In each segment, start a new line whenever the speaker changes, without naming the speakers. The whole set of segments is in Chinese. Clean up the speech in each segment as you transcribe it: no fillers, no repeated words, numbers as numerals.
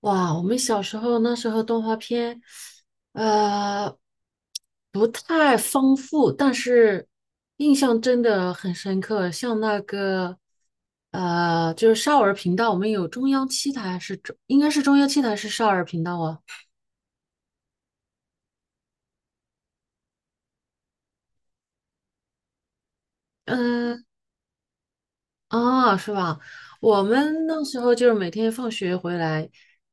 哇，我们小时候那时候动画片，呃，不太丰富，但是印象真的很深刻。像那个，就是少儿频道，我们有中央七台是中，应该是中央七台是少儿频道啊。呃啊，是吧？我们那时候就是每天放学回来，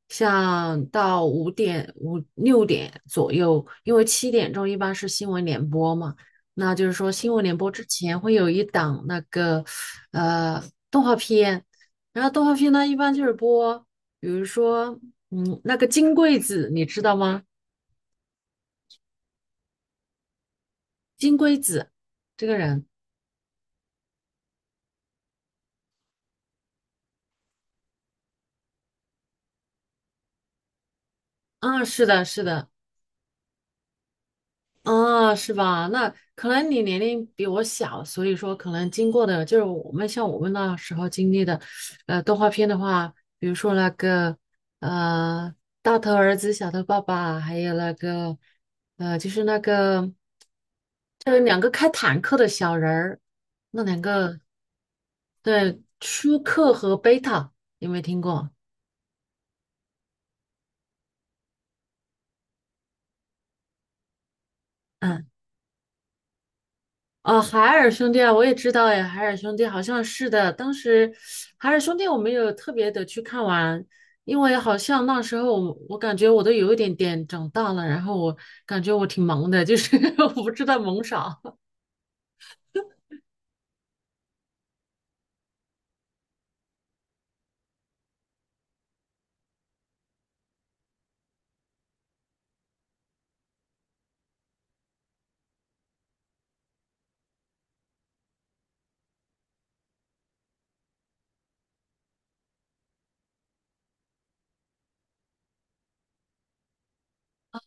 像到五点、五六点左右，因为七点钟一般是新闻联播嘛，那就是说新闻联播之前会有一档那个呃动画片，然后动画片呢一般就是播，比如说那个金龟子，你知道吗？金龟子这个人啊，是的，是的。啊，是吧？那可能你年龄比我小，所以说可能经过的就是我们像我们那时候经历的，动画片的话，比如说那个呃《大头儿子小头爸爸》，还有那个呃就是那个就是两个开坦克的小人儿，那两个对舒克和贝塔有没有听过？嗯。哦，海尔兄弟啊，我也知道呀，海尔兄弟好像是的。当时海尔兄弟我没有特别的去看完，因为好像那时候我感觉我都有一点点长大了，然后我感觉我挺忙的，就是 我不知道忙啥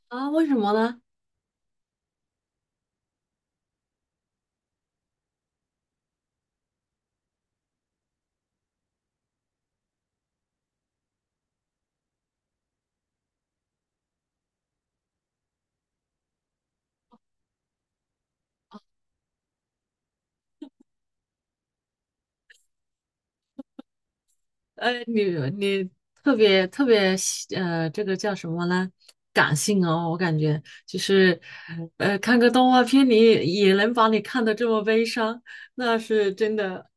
啊？为什么呢？你你特别特别喜这个叫什么呢？感性哦，我感觉就是看个动画片你也能把你看的这么悲伤，那是真的。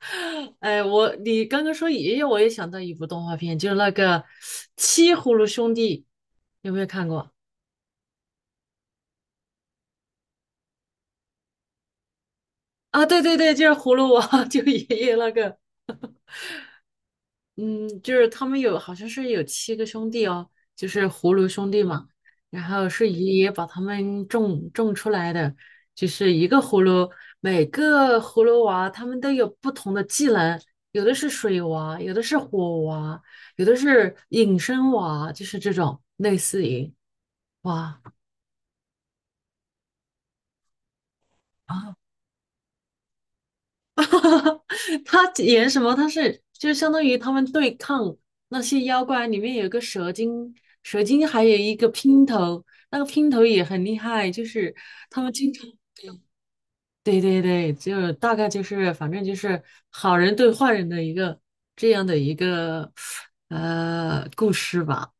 哎，我你刚刚说爷爷，我也想到一部动画片，就是那个《七葫芦兄弟》，有没有看过啊？对对对，就是葫芦娃，就爷爷那个。嗯，就是他们有好像是有七个兄弟哦，就是葫芦兄弟嘛。然后是爷爷把他们种种出来的，就是一个葫芦，每个葫芦娃他们都有不同的技能，有的是水娃，有的是火娃，有的是隐身娃，就是这种类似于哇啊，他演什么？他是就相当于他们对抗那些妖怪，里面有个蛇精，蛇精还有一个姘头，那个姘头也很厉害，就是他们经常对对对，就大概就是反正就是好人对坏人的一个这样的一个故事吧。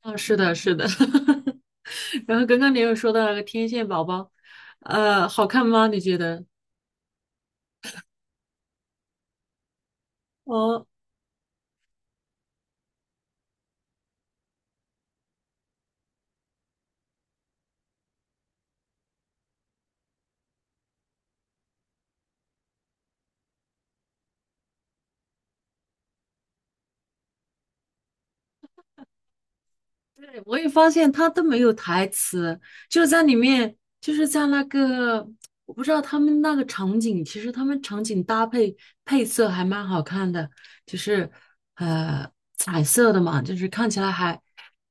啊，是的，是的。然后刚刚你又说到那个天线宝宝，好看吗？你觉得？哦对，我也发现他都没有台词，就是在里面，就是在那个，我不知道他们那个场景，其实他们场景搭配配色还蛮好看的，就是呃彩色的嘛，就是看起来还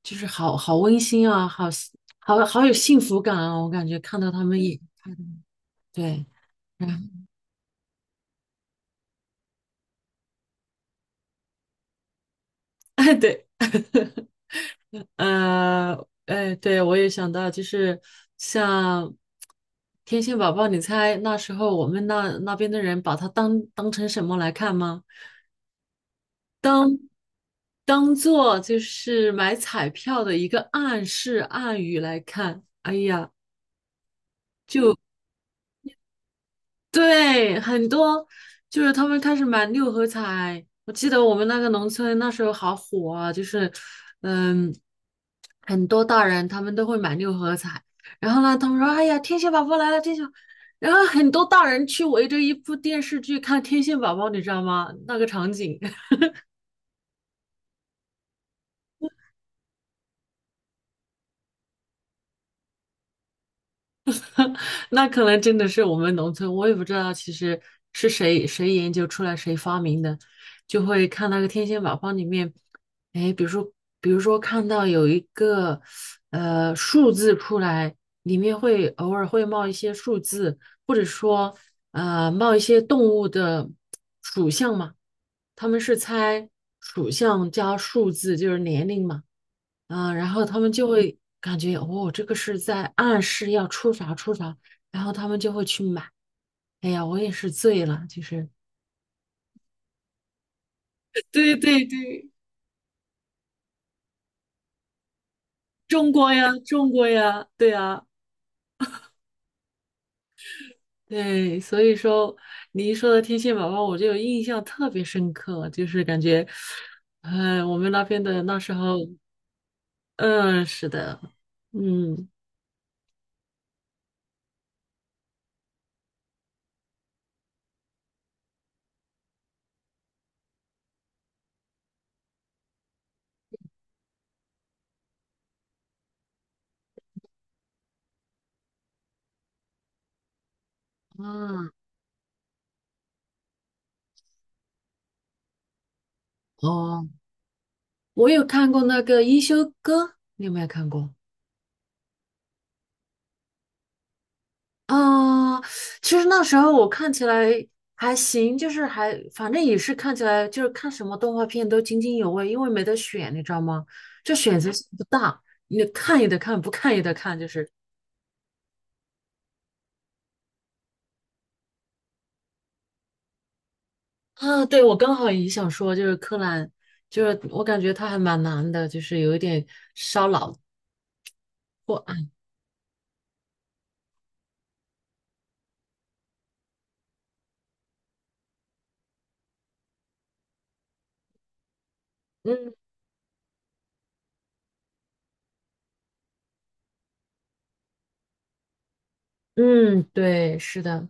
就是好好温馨啊，好好好有幸福感啊，我感觉看到他们也对，嗯，对。呃，哎，对，我也想到，就是像天线宝宝，你猜那时候我们那那边的人把它当当成什么来看吗？当做就是买彩票的一个暗示暗语来看。哎呀，对，很多就是他们开始买六合彩。我记得我们那个农村那时候好火啊，就是嗯，很多大人他们都会买六合彩。然后呢，他们说："哎呀，天线宝宝来了，天线。"然后很多大人去围着一部电视剧看《天线宝宝》，你知道吗？那个场景。那可能真的是我们农村，我也不知道其实是谁谁研究出来谁发明的，就会看那个天线宝宝里面，哎，比如说比如说看到有一个数字出来，里面会偶尔会冒一些数字，或者说冒一些动物的属相嘛，他们是猜属相加数字就是年龄嘛。然后他们就会感觉哦，这个是在暗示要出啥出啥，然后他们就会去买。哎呀，我也是醉了，就是 对对对，中国呀，中国呀，对呀，对，所以说你一说到天线宝宝，我就有印象特别深刻，就是感觉，嗯，我们那边的那时候，嗯，是的，嗯嗯哦，我有看过那个《一休哥》，你有没有看过？啊，其实那时候我看起来还行，就是还反正也是看起来就是看什么动画片都津津有味，因为没得选，你知道吗？就选择性不大，你看也得看，不看也得看，就是啊，对，我刚好也想说，就是柯南，就是我感觉他还蛮难的，就是有一点烧脑破案。嗯嗯，对，是的。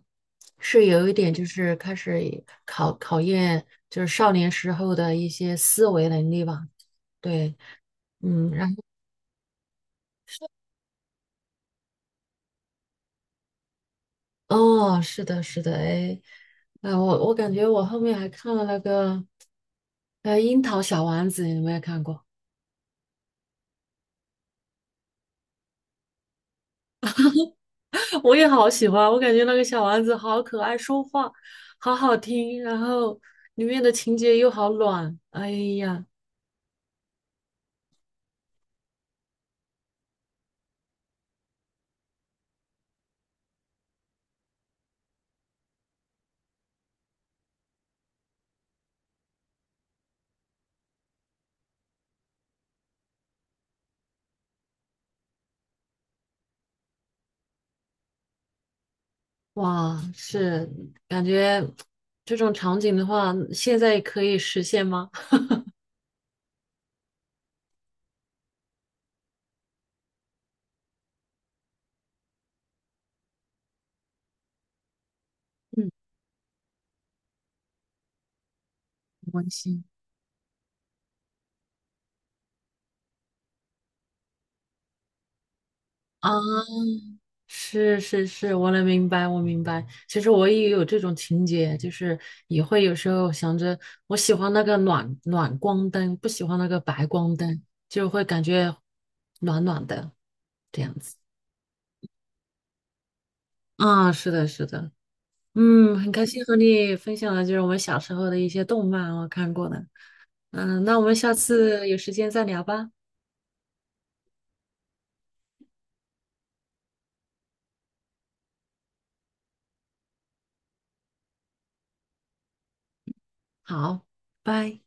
是有一点，就是开始考验，就是少年时候的一些思维能力吧。对，嗯，然后哦，是的，是的，哎，啊，我感觉我后面还看了那个，《樱桃小丸子》，你有没有看过？我也好喜欢，我感觉那个小丸子好可爱，说话好好听，然后里面的情节又好暖，哎呀，哇，是感觉这种场景的话，现在可以实现吗？嗯，温馨。啊。是是是，我能明白，我明白。其实我也有这种情节，就是也会有时候想着，我喜欢那个暖暖光灯，不喜欢那个白光灯，就会感觉暖暖的这样子。啊，是的，是的，嗯，很开心和你分享了，就是我们小时候的一些动漫，我看过的。嗯，那我们下次有时间再聊吧。好，拜。